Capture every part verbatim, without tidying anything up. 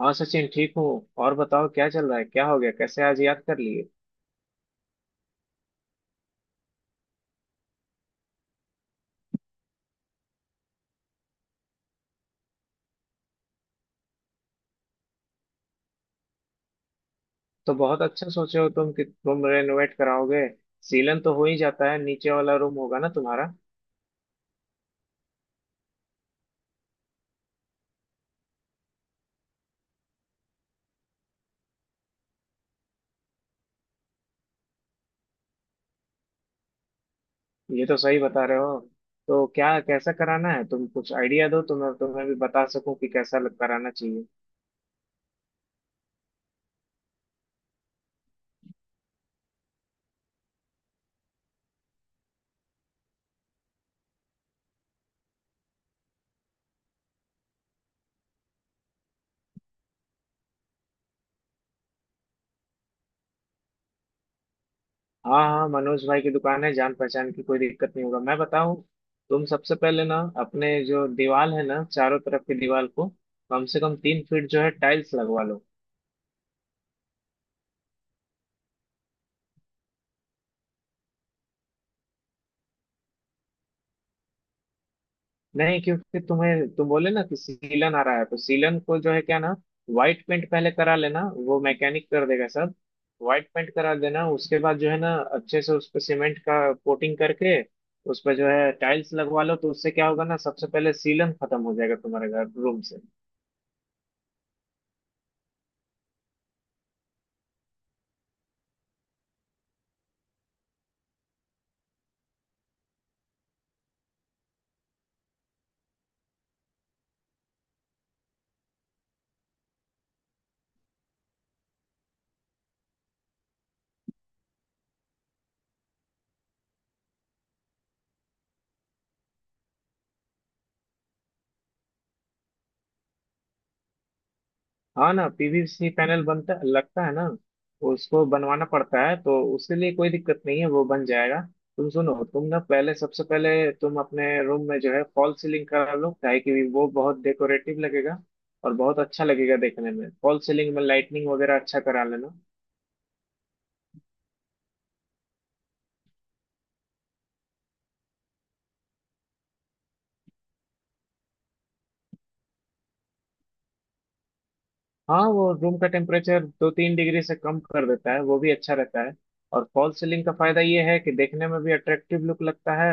हाँ सचिन, ठीक हूँ। और बताओ क्या चल रहा है, क्या हो गया, कैसे आज याद कर लिए। तो बहुत अच्छा सोचे हो तुम, कि तुम रेनोवेट कराओगे। सीलन तो हो ही जाता है, नीचे वाला रूम होगा ना तुम्हारा। ये तो सही बता रहे हो। तो क्या कैसा कराना है, तुम कुछ आइडिया दो तो मैं तुम्हें भी बता सकूं कि कैसा लग- कराना चाहिए। हाँ हाँ, मनोज भाई की दुकान है, जान पहचान की, कोई दिक्कत नहीं होगा, मैं बताऊं। तुम सबसे पहले ना अपने जो दीवार है ना, चारों तरफ की दीवार को कम से कम तीन फीट जो है टाइल्स लगवा लो। नहीं, क्योंकि तुम्हें तुम बोले ना कि सीलन आ रहा है, तो सीलन को जो है क्या ना, व्हाइट पेंट पहले करा लेना, वो मैकेनिक कर देगा सब। व्हाइट पेंट करा देना, उसके बाद जो है ना अच्छे से उस पर सीमेंट का कोटिंग करके, उस पर जो है टाइल्स लगवा लो, तो उससे क्या होगा ना, सबसे पहले सीलन खत्म हो जाएगा तुम्हारे घर रूम से। हाँ ना, पीवीसी पैनल बनता लगता है ना, उसको बनवाना पड़ता है, तो उसके लिए कोई दिक्कत नहीं है, वो बन जाएगा। तुम सुनो, तुम ना पहले सबसे पहले तुम अपने रूम में जो है फॉल सीलिंग करा लो, ताकि कि वो बहुत डेकोरेटिव लगेगा, और बहुत अच्छा लगेगा देखने में। फॉल सीलिंग में लाइटनिंग वगैरह अच्छा करा लेना। हाँ, वो रूम का टेम्परेचर दो तीन डिग्री से कम कर देता है, वो भी अच्छा रहता है। और फॉल्स सीलिंग का फायदा ये है कि देखने में भी अट्रैक्टिव लुक लगता है,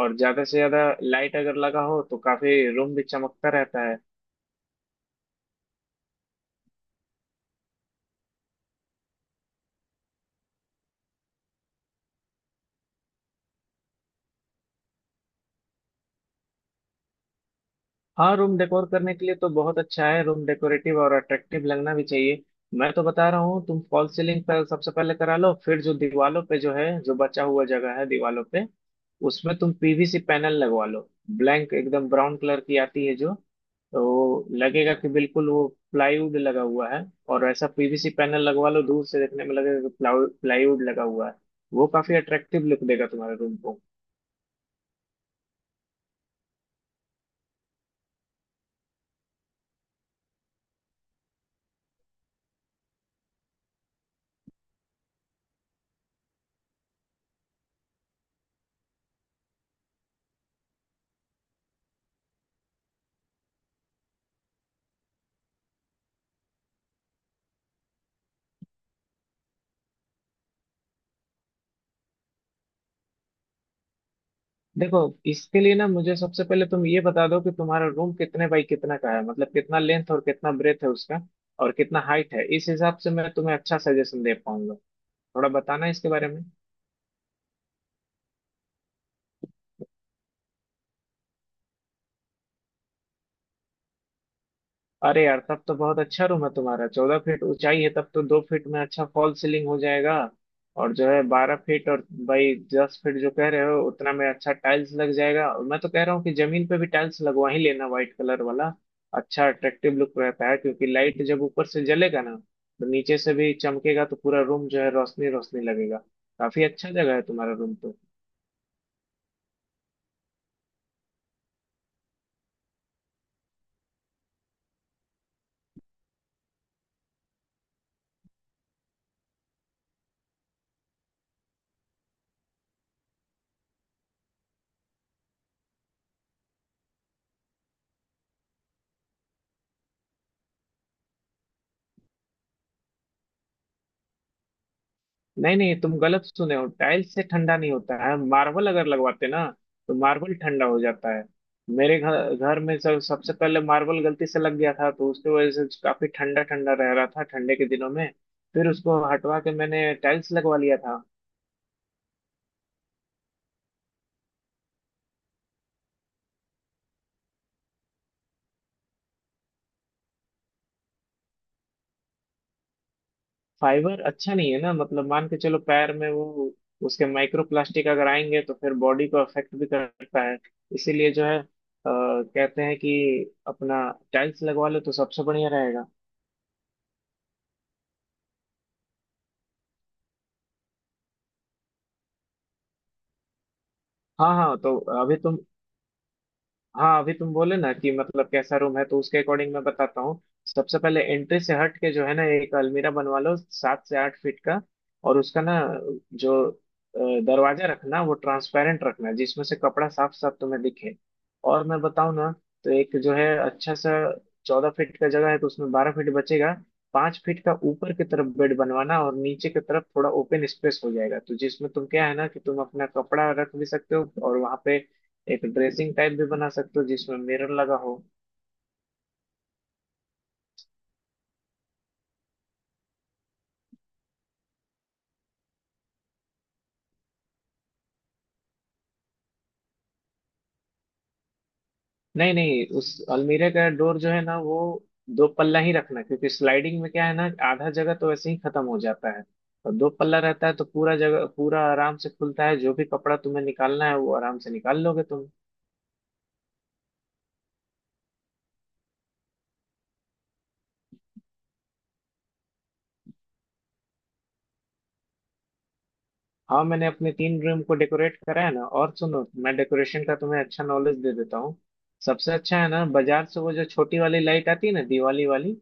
और ज्यादा से ज्यादा लाइट अगर लगा हो तो काफी रूम भी चमकता रहता है। हाँ, रूम डेकोर करने के लिए तो बहुत अच्छा है, रूम डेकोरेटिव और अट्रैक्टिव लगना भी चाहिए। मैं तो बता रहा हूँ, तुम फॉल्स सीलिंग पर सबसे पहले करा लो, फिर जो दीवालों पे, जो है जो बचा हुआ जगह है दीवालों पे, उसमें तुम पीवीसी पैनल लगवा लो। ब्लैंक एकदम ब्राउन कलर की आती है जो, तो लगेगा कि बिल्कुल वो प्लाईवुड लगा हुआ है। और ऐसा पीवीसी पैनल लगवा लो, दूर से देखने में लगेगा कि प्लाईवुड लगा हुआ है। वो काफी अट्रैक्टिव लुक देगा तुम्हारे रूम को। देखो, इसके लिए ना मुझे सबसे पहले तुम ये बता दो कि तुम्हारा रूम कितने बाई कितना का है, मतलब कितना लेंथ और कितना ब्रेथ है उसका, और कितना हाइट है। इस हिसाब से मैं तुम्हें अच्छा सजेशन दे पाऊंगा। थोड़ा बताना इसके बारे में। अरे यार, तब तो बहुत अच्छा रूम है तुम्हारा, चौदह फीट ऊंचाई है, तब तो दो फीट में अच्छा फॉल सीलिंग हो जाएगा। और जो है बारह फीट और भाई दस फीट जो कह रहे हो, उतना में अच्छा टाइल्स लग जाएगा, और मैं तो कह रहा हूँ कि जमीन पे भी टाइल्स लगवा ही लेना, व्हाइट कलर वाला। अच्छा अट्रैक्टिव लुक रहता है, क्योंकि लाइट जब ऊपर से जलेगा ना तो नीचे से भी चमकेगा, तो पूरा रूम जो है रोशनी रोशनी लगेगा। काफी अच्छा जगह है तुम्हारा रूम। नहीं नहीं, तुम गलत सुने हो, टाइल्स से ठंडा नहीं होता है, मार्बल अगर लगवाते ना तो मार्बल ठंडा हो जाता है। मेरे घर घर में सब सबसे पहले मार्बल गलती से लग गया था, तो उसकी वजह से काफी ठंडा ठंडा रह रहा था ठंडे के दिनों में। फिर उसको हटवा के मैंने टाइल्स लगवा लिया था। फाइबर अच्छा नहीं है ना, मतलब मान के चलो पैर में वो उसके माइक्रो प्लास्टिक अगर आएंगे तो फिर बॉडी को अफेक्ट भी करता है। इसीलिए जो है अ, कहते हैं कि अपना टाइल्स लगवा लो तो सबसे बढ़िया रहेगा। हाँ हाँ। तो अभी तुम हाँ अभी तुम बोले ना कि मतलब कैसा रूम है, तो उसके अकॉर्डिंग मैं बताता हूँ। सबसे पहले एंट्री से हट के जो है ना, एक अलमीरा बनवा लो सात से आठ फीट का। और उसका ना, जो अ, दरवाजा रखना, वो ट्रांसपेरेंट रखना, जिसमें से कपड़ा साफ साफ तुम्हें दिखे। और मैं बताऊँ ना, तो एक जो है अच्छा सा, चौदह फीट का जगह है तो उसमें बारह फीट बचेगा। पांच फीट का ऊपर की तरफ बेड बनवाना, और नीचे की तरफ थोड़ा ओपन स्पेस हो जाएगा, तो जिसमें तुम, क्या है ना, कि तुम अपना कपड़ा रख भी सकते हो, और वहां पे एक ड्रेसिंग टाइप भी बना सकते हो जिसमें मिरर लगा हो। नहीं नहीं, उस अलमीरे का डोर जो है ना, वो दो पल्ला ही रखना, क्योंकि स्लाइडिंग में क्या है ना, आधा जगह तो वैसे ही खत्म हो जाता है। और दो पल्ला रहता है तो पूरा जगह, पूरा आराम से खुलता है, जो भी कपड़ा तुम्हें निकालना है वो आराम से निकाल लोगे तुम। हाँ, मैंने अपने तीन रूम को डेकोरेट करा है ना, और सुनो, मैं डेकोरेशन का तुम्हें अच्छा नॉलेज दे देता हूँ। सबसे अच्छा है ना, बाजार से वो जो छोटी वाली लाइट आती है ना, दिवाली वाली।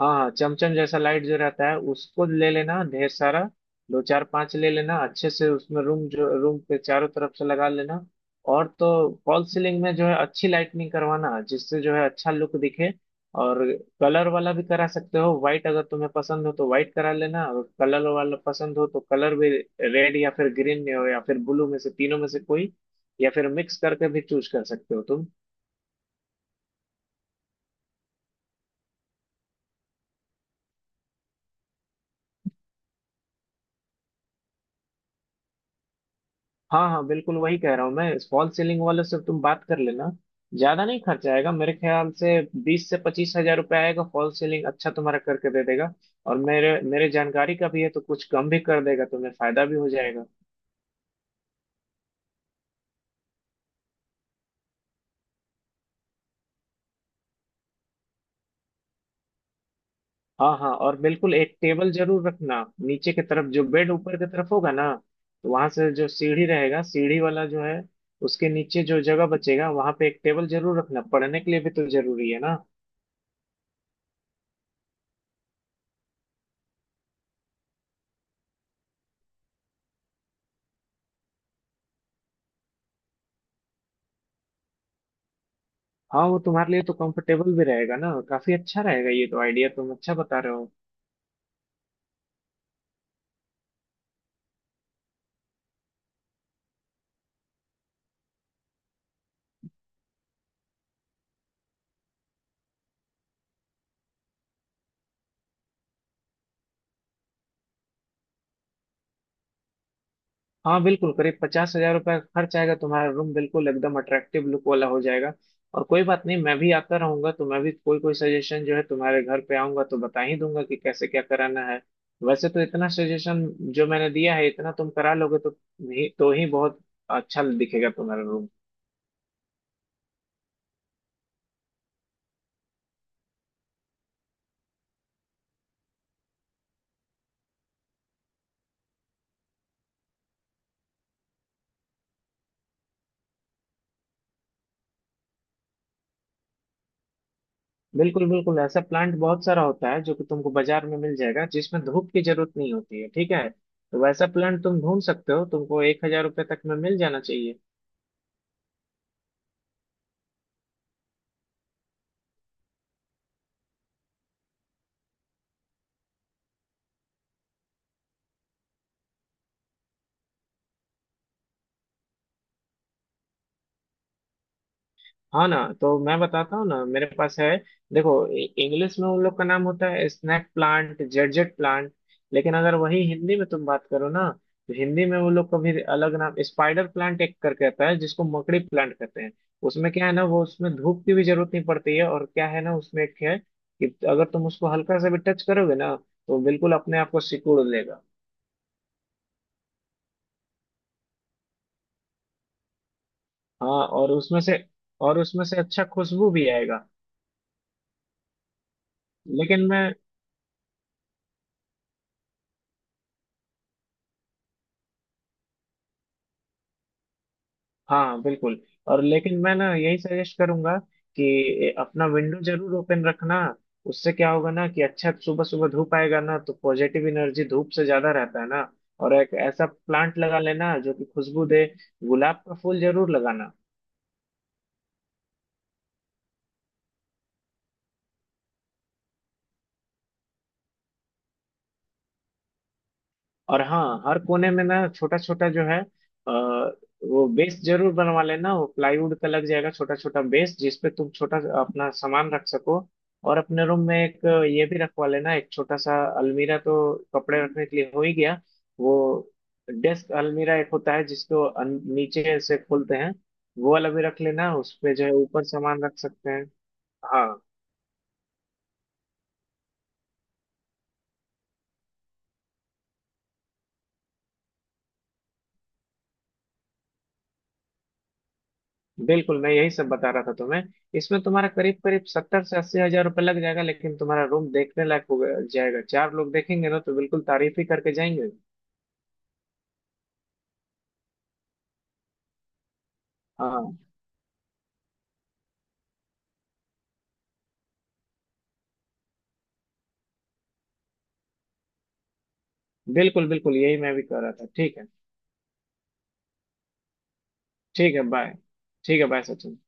हाँ हाँ, चमचम जैसा लाइट जो रहता है उसको ले लेना ढेर सारा, दो चार पांच ले लेना अच्छे से, उसमें रूम, जो रूम पे चारों तरफ से लगा लेना। और तो फॉल सीलिंग में जो है अच्छी लाइटनिंग करवाना, जिससे जो है अच्छा लुक दिखे। और कलर वाला भी करा सकते हो, व्हाइट अगर तुम्हें पसंद हो तो व्हाइट करा लेना, और कलर वाला पसंद हो तो कलर भी, रेड या फिर ग्रीन में हो या फिर ब्लू में से, तीनों में से कोई, या फिर मिक्स करके भी चूज कर सकते हो तुम। हाँ हाँ बिल्कुल, वही कह रहा हूँ मैं। फॉल सीलिंग वाले से तुम बात कर लेना, ज्यादा नहीं खर्चा आएगा, मेरे ख्याल से बीस से पच्चीस हजार रुपया आएगा, फॉल सीलिंग अच्छा तुम्हारा करके दे देगा। और मेरे मेरे जानकारी का भी है, तो कुछ कम भी कर देगा, तुम्हें फायदा भी हो जाएगा। हाँ हाँ, और बिल्कुल एक टेबल जरूर रखना। नीचे की तरफ जो बेड ऊपर की तरफ होगा ना, तो वहां से जो सीढ़ी रहेगा, सीढ़ी वाला जो है उसके नीचे जो जगह बचेगा, वहां पे एक टेबल जरूर रखना, पढ़ने के लिए भी तो जरूरी है ना। हाँ, वो तुम्हारे लिए तो कंफर्टेबल भी रहेगा ना, काफी अच्छा रहेगा, ये तो आइडिया तुम अच्छा बता रहे हो। हाँ बिल्कुल, करीब पचास हजार रुपये खर्च आएगा, तुम्हारा रूम बिल्कुल एकदम अट्रैक्टिव लुक वाला हो जाएगा। और कोई बात नहीं, मैं भी आता रहूंगा तो मैं भी कोई कोई सजेशन जो है, तुम्हारे घर पे आऊंगा तो बता ही दूंगा कि कैसे क्या कराना है। वैसे तो इतना सजेशन जो मैंने दिया है, इतना तुम करा लोगे तो ही, तो ही बहुत अच्छा दिखेगा तुम्हारा रूम। बिल्कुल बिल्कुल, ऐसा प्लांट बहुत सारा होता है जो कि तुमको बाजार में मिल जाएगा, जिसमें धूप की जरूरत नहीं होती है, ठीक है, तो वैसा प्लांट तुम ढूंढ सकते हो, तुमको एक हजार रुपये तक में मिल जाना चाहिए। हाँ ना, तो मैं बताता हूँ ना, मेरे पास है। देखो, इ- इंग्लिश में उन लोग का नाम होता है स्नैक प्लांट, जेडजेट प्लांट। लेकिन अगर वही हिंदी में तुम बात करो ना, तो हिंदी में वो लोग का भी अलग नाम, स्पाइडर प्लांट एक करके आता है, जिसको मकड़ी प्लांट कहते हैं। उसमें क्या है ना, वो उसमें धूप की भी जरूरत नहीं पड़ती है, और क्या है ना, उसमें एक है कि अगर तुम उसको हल्का सा भी टच करोगे ना तो बिल्कुल अपने आप को सिकुड़ लेगा। हाँ, और उसमें से और उसमें से अच्छा खुशबू भी आएगा। लेकिन मैं हाँ बिल्कुल। और लेकिन मैं ना, यही सजेस्ट करूंगा कि अपना विंडो जरूर ओपन रखना। उससे क्या होगा ना, कि अच्छा सुबह सुबह धूप आएगा ना, तो पॉजिटिव एनर्जी धूप से ज्यादा रहता है ना। और एक ऐसा प्लांट लगा लेना जो कि खुशबू दे, गुलाब का फूल जरूर लगाना। और हाँ, हर कोने में ना छोटा छोटा जो है आ, वो बेस जरूर बनवा लेना, वो प्लाईवुड का लग जाएगा, छोटा छोटा बेस जिसपे तुम छोटा सा अपना सामान रख सको। और अपने रूम में एक ये भी रखवा लेना, एक छोटा सा अलमीरा तो कपड़े रखने के लिए हो ही गया। वो डेस्क अलमीरा एक होता है जिसको अन- नीचे से खोलते हैं, वो वाला भी रख लेना, उस पे जो है ऊपर सामान रख सकते हैं। हाँ बिल्कुल, मैं यही सब बता रहा था तुम्हें। इसमें तुम्हारा करीब करीब सत्तर से अस्सी हजार रुपये लग जाएगा, लेकिन तुम्हारा रूम देखने लायक हो गया- जाएगा, चार लोग देखेंगे ना तो बिल्कुल तारीफ ही करके जाएंगे। हाँ हाँ। बिल्कुल बिल्कुल, यही मैं भी कह रहा था, ठीक है। ठीक है, बाय। ठीक है, बाय सचिन।